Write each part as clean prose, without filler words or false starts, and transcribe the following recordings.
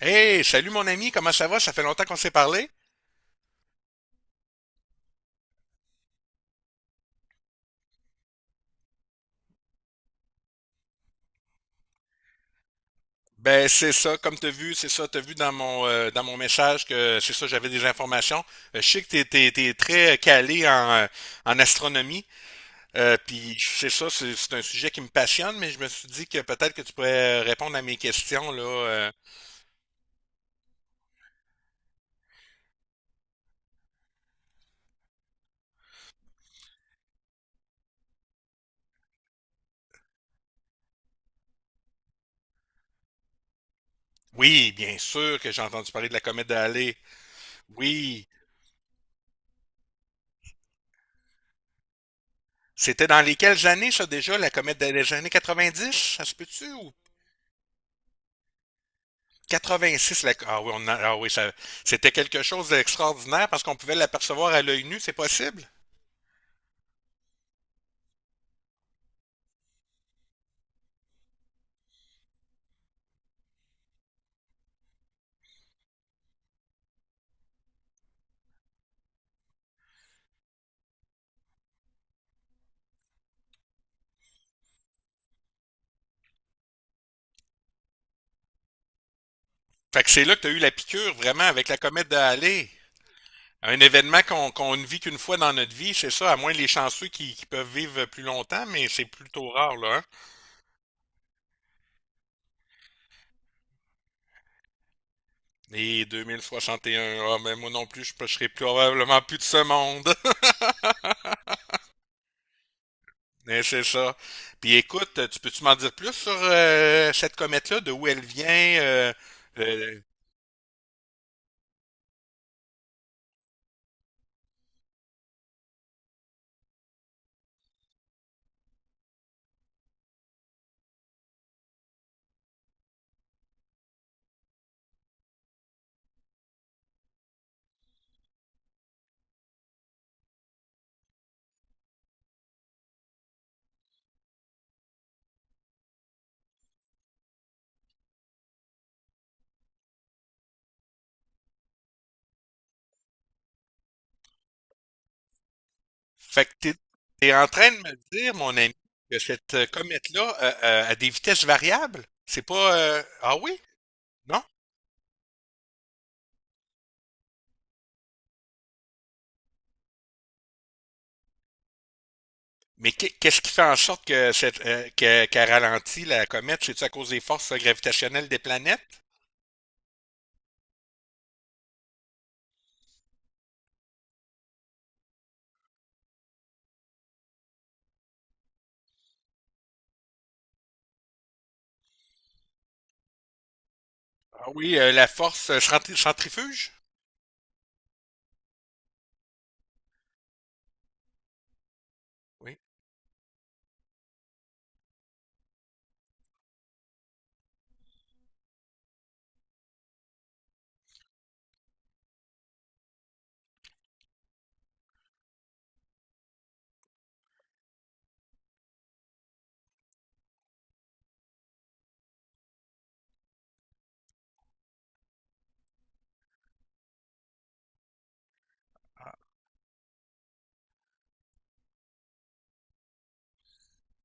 Hey, salut mon ami, comment ça va? Ça fait longtemps qu'on s'est parlé? Ben c'est ça, comme t'as vu, c'est ça, t'as vu dans mon message que c'est ça, j'avais des informations. Je sais que t'es très calé en, en astronomie, puis c'est ça, c'est un sujet qui me passionne, mais je me suis dit que peut-être que tu pourrais répondre à mes questions là. Oui, bien sûr que j'ai entendu parler de la comète de Halley. Oui, c'était dans les quelles années ça déjà, la comète des années 90? Ça se peut-tu? 86, ah oui, ah oui, c'était quelque chose d'extraordinaire parce qu'on pouvait l'apercevoir à l'œil nu, c'est possible. Fait que c'est là que tu as eu la piqûre, vraiment, avec la comète de Halley. Un événement qu'on ne vit qu'une fois dans notre vie, c'est ça, à moins les chanceux qui peuvent vivre plus longtemps, mais c'est plutôt rare, là, hein. Et 2061, ah, mais moi non plus, je ne serai probablement plus de ce monde. Mais c'est ça. Puis écoute, tu peux-tu m'en dire plus sur cette comète-là, de où elle vient, euh, Fait que t'es, t'es en train de me dire, mon ami, que cette comète-là a des vitesses variables? C'est pas... Ah oui? Non? Mais qu'est-ce qui fait en sorte que qu'elle ralentit la comète? C'est-tu à cause des forces gravitationnelles des planètes? Ah oui, la force centrifuge? Oui.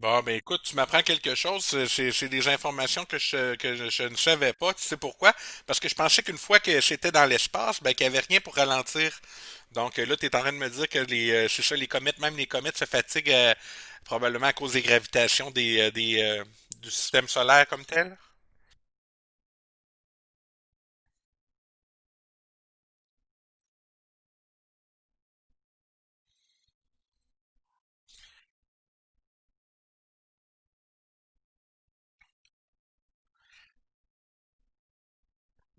Bon, ben écoute, tu m'apprends quelque chose. C'est des informations que je ne savais pas. Tu sais pourquoi? Parce que je pensais qu'une fois que c'était dans l'espace, ben qu'il n'y avait rien pour ralentir. Donc là, tu es en train de me dire que c'est ça, même les comètes se fatiguent probablement à cause des gravitations du système solaire comme tel?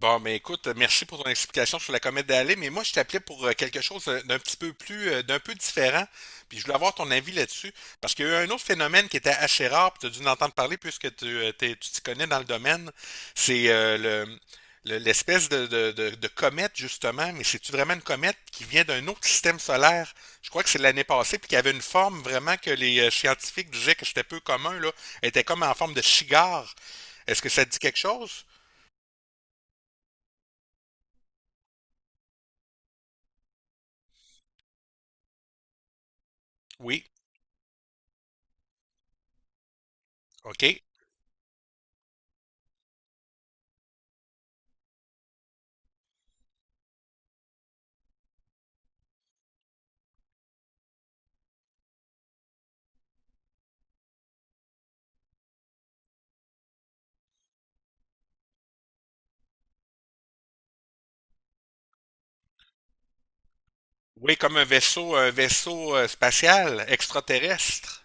Bon, mais écoute, merci pour ton explication sur la comète Halley, mais moi je t'appelais pour quelque chose d'un peu différent, puis je voulais avoir ton avis là-dessus, parce qu'il y a eu un autre phénomène qui était assez rare, puis tu as dû en entendre parler puisque tu t'y connais dans le domaine, c'est l'espèce de comète justement, mais c'est-tu vraiment une comète qui vient d'un autre système solaire? Je crois que c'est l'année passée, puis qui avait une forme vraiment que les scientifiques disaient que c'était peu commun, là. Elle était comme en forme de cigare. Est-ce que ça te dit quelque chose? Oui, OK. Oui, comme un vaisseau spatial extraterrestre.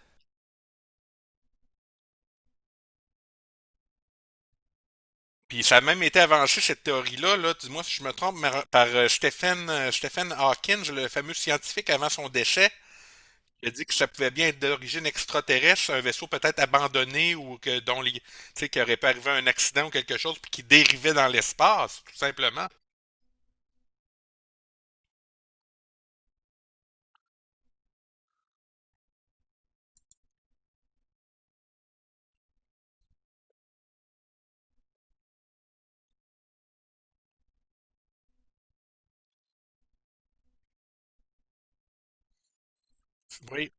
Puis ça a même été avancé, cette théorie-là, là, dis-moi si je me trompe, par Stephen Hawking, le fameux scientifique avant son décès. Il a dit que ça pouvait bien être d'origine extraterrestre, un vaisseau peut-être abandonné ou que dont tu sais, qu'il aurait pas arrivé un accident ou quelque chose, puis qui dérivait dans l'espace, tout simplement. Oui.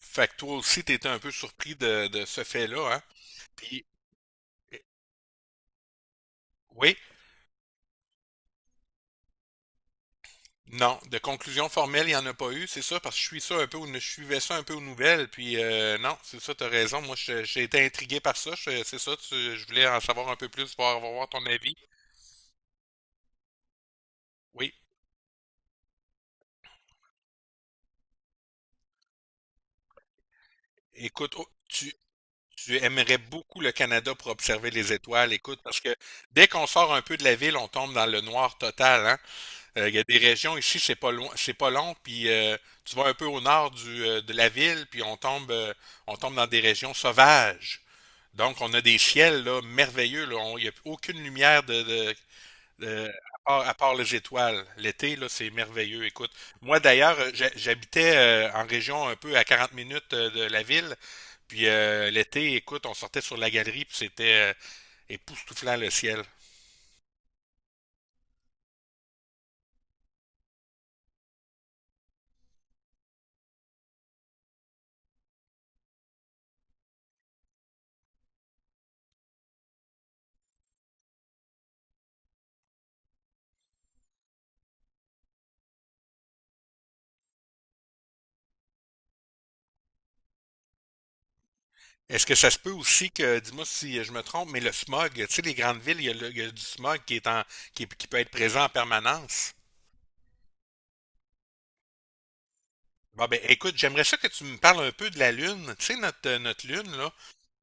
Fait que toi aussi, t'étais un peu surpris de ce fait-là, hein? Puis, eh, oui. Non, de conclusion formelle, il n'y en a pas eu, c'est ça, parce que je suivais ça un peu aux nouvelles, puis non, c'est ça, t'as raison. J'ai été intrigué par ça, c'est ça, je voulais en savoir un peu plus, voir ton avis. Oui, écoute, oh, tu aimerais beaucoup le Canada pour observer les étoiles, écoute, parce que dès qu'on sort un peu de la ville, on tombe dans le noir total, hein. Il y a des régions ici, c'est pas loin, c'est pas long, puis tu vas un peu au nord de la ville, puis on tombe dans des régions sauvages. Donc, on a des ciels là, merveilleux. Là. Il n'y a aucune lumière à part, à part les étoiles. L'été, là, c'est merveilleux. Écoute, moi d'ailleurs, j'habitais en région un peu à 40 minutes de la ville. Puis l'été, écoute, on sortait sur la galerie, puis c'était époustouflant le ciel. Est-ce que ça se peut aussi que, dis-moi si je me trompe, mais le smog, tu sais, les grandes villes, il y a du smog qui est qui peut être présent en permanence. Bon, ben, écoute, j'aimerais ça que tu me parles un peu de la Lune. Tu sais, notre Lune, là.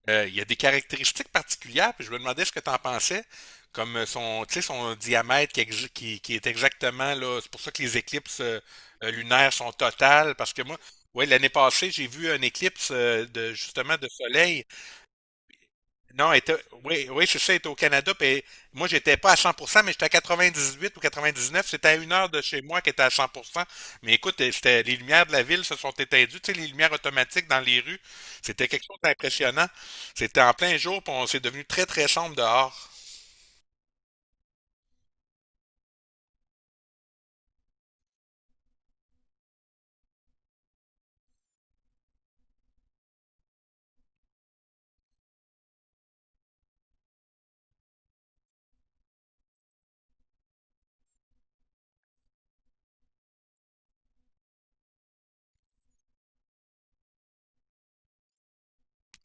Il y a des caractéristiques particulières, puis je me demandais ce que tu en pensais, comme tu sais, son diamètre qui est exactement là. C'est pour ça que les éclipses lunaires sont totales, parce que moi, ouais, l'année passée, j'ai vu un éclipse de justement de soleil. Non, elle était, Oui, oui, c'est ça, elle était au Canada. Puis moi, j'étais pas à 100%, mais j'étais à 98 ou 99. C'était à une heure de chez moi qui était à 100%. Mais écoute, c'était, les lumières de la ville se sont éteindues, tu sais, les lumières automatiques dans les rues. C'était quelque chose d'impressionnant. C'était en plein jour, puis on s'est devenu très, très sombre dehors.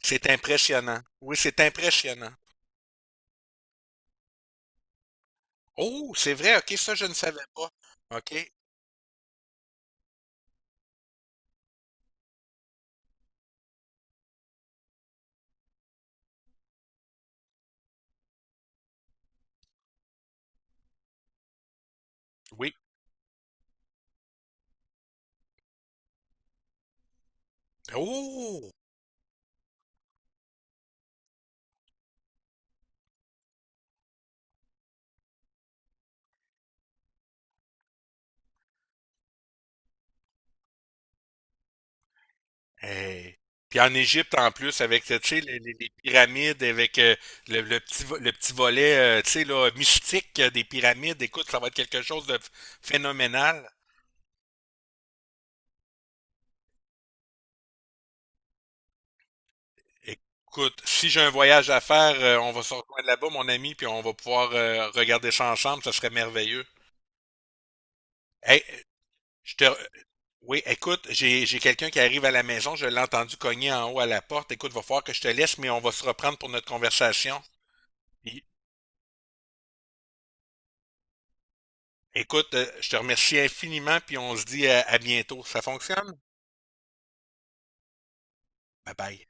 C'est impressionnant. Oui, c'est impressionnant. Oh, c'est vrai, ok, ça, je ne savais pas. Ok, oui. Oh! Hey. Puis en Égypte, en plus, avec tu sais, les pyramides, avec le petit, le petit volet tu sais, là, mystique des pyramides, écoute, ça va être quelque chose phénoménal. Écoute, si j'ai un voyage à faire, on va se rejoindre là-bas, mon ami, puis on va pouvoir regarder ça ensemble, ça serait merveilleux. Hey, je te... Oui, écoute, j'ai quelqu'un qui arrive à la maison, je l'ai entendu cogner en haut à la porte. Écoute, va falloir que je te laisse, mais on va se reprendre pour notre conversation. Puis écoute, je te remercie infiniment, puis on se dit à bientôt. Ça fonctionne? Bye bye.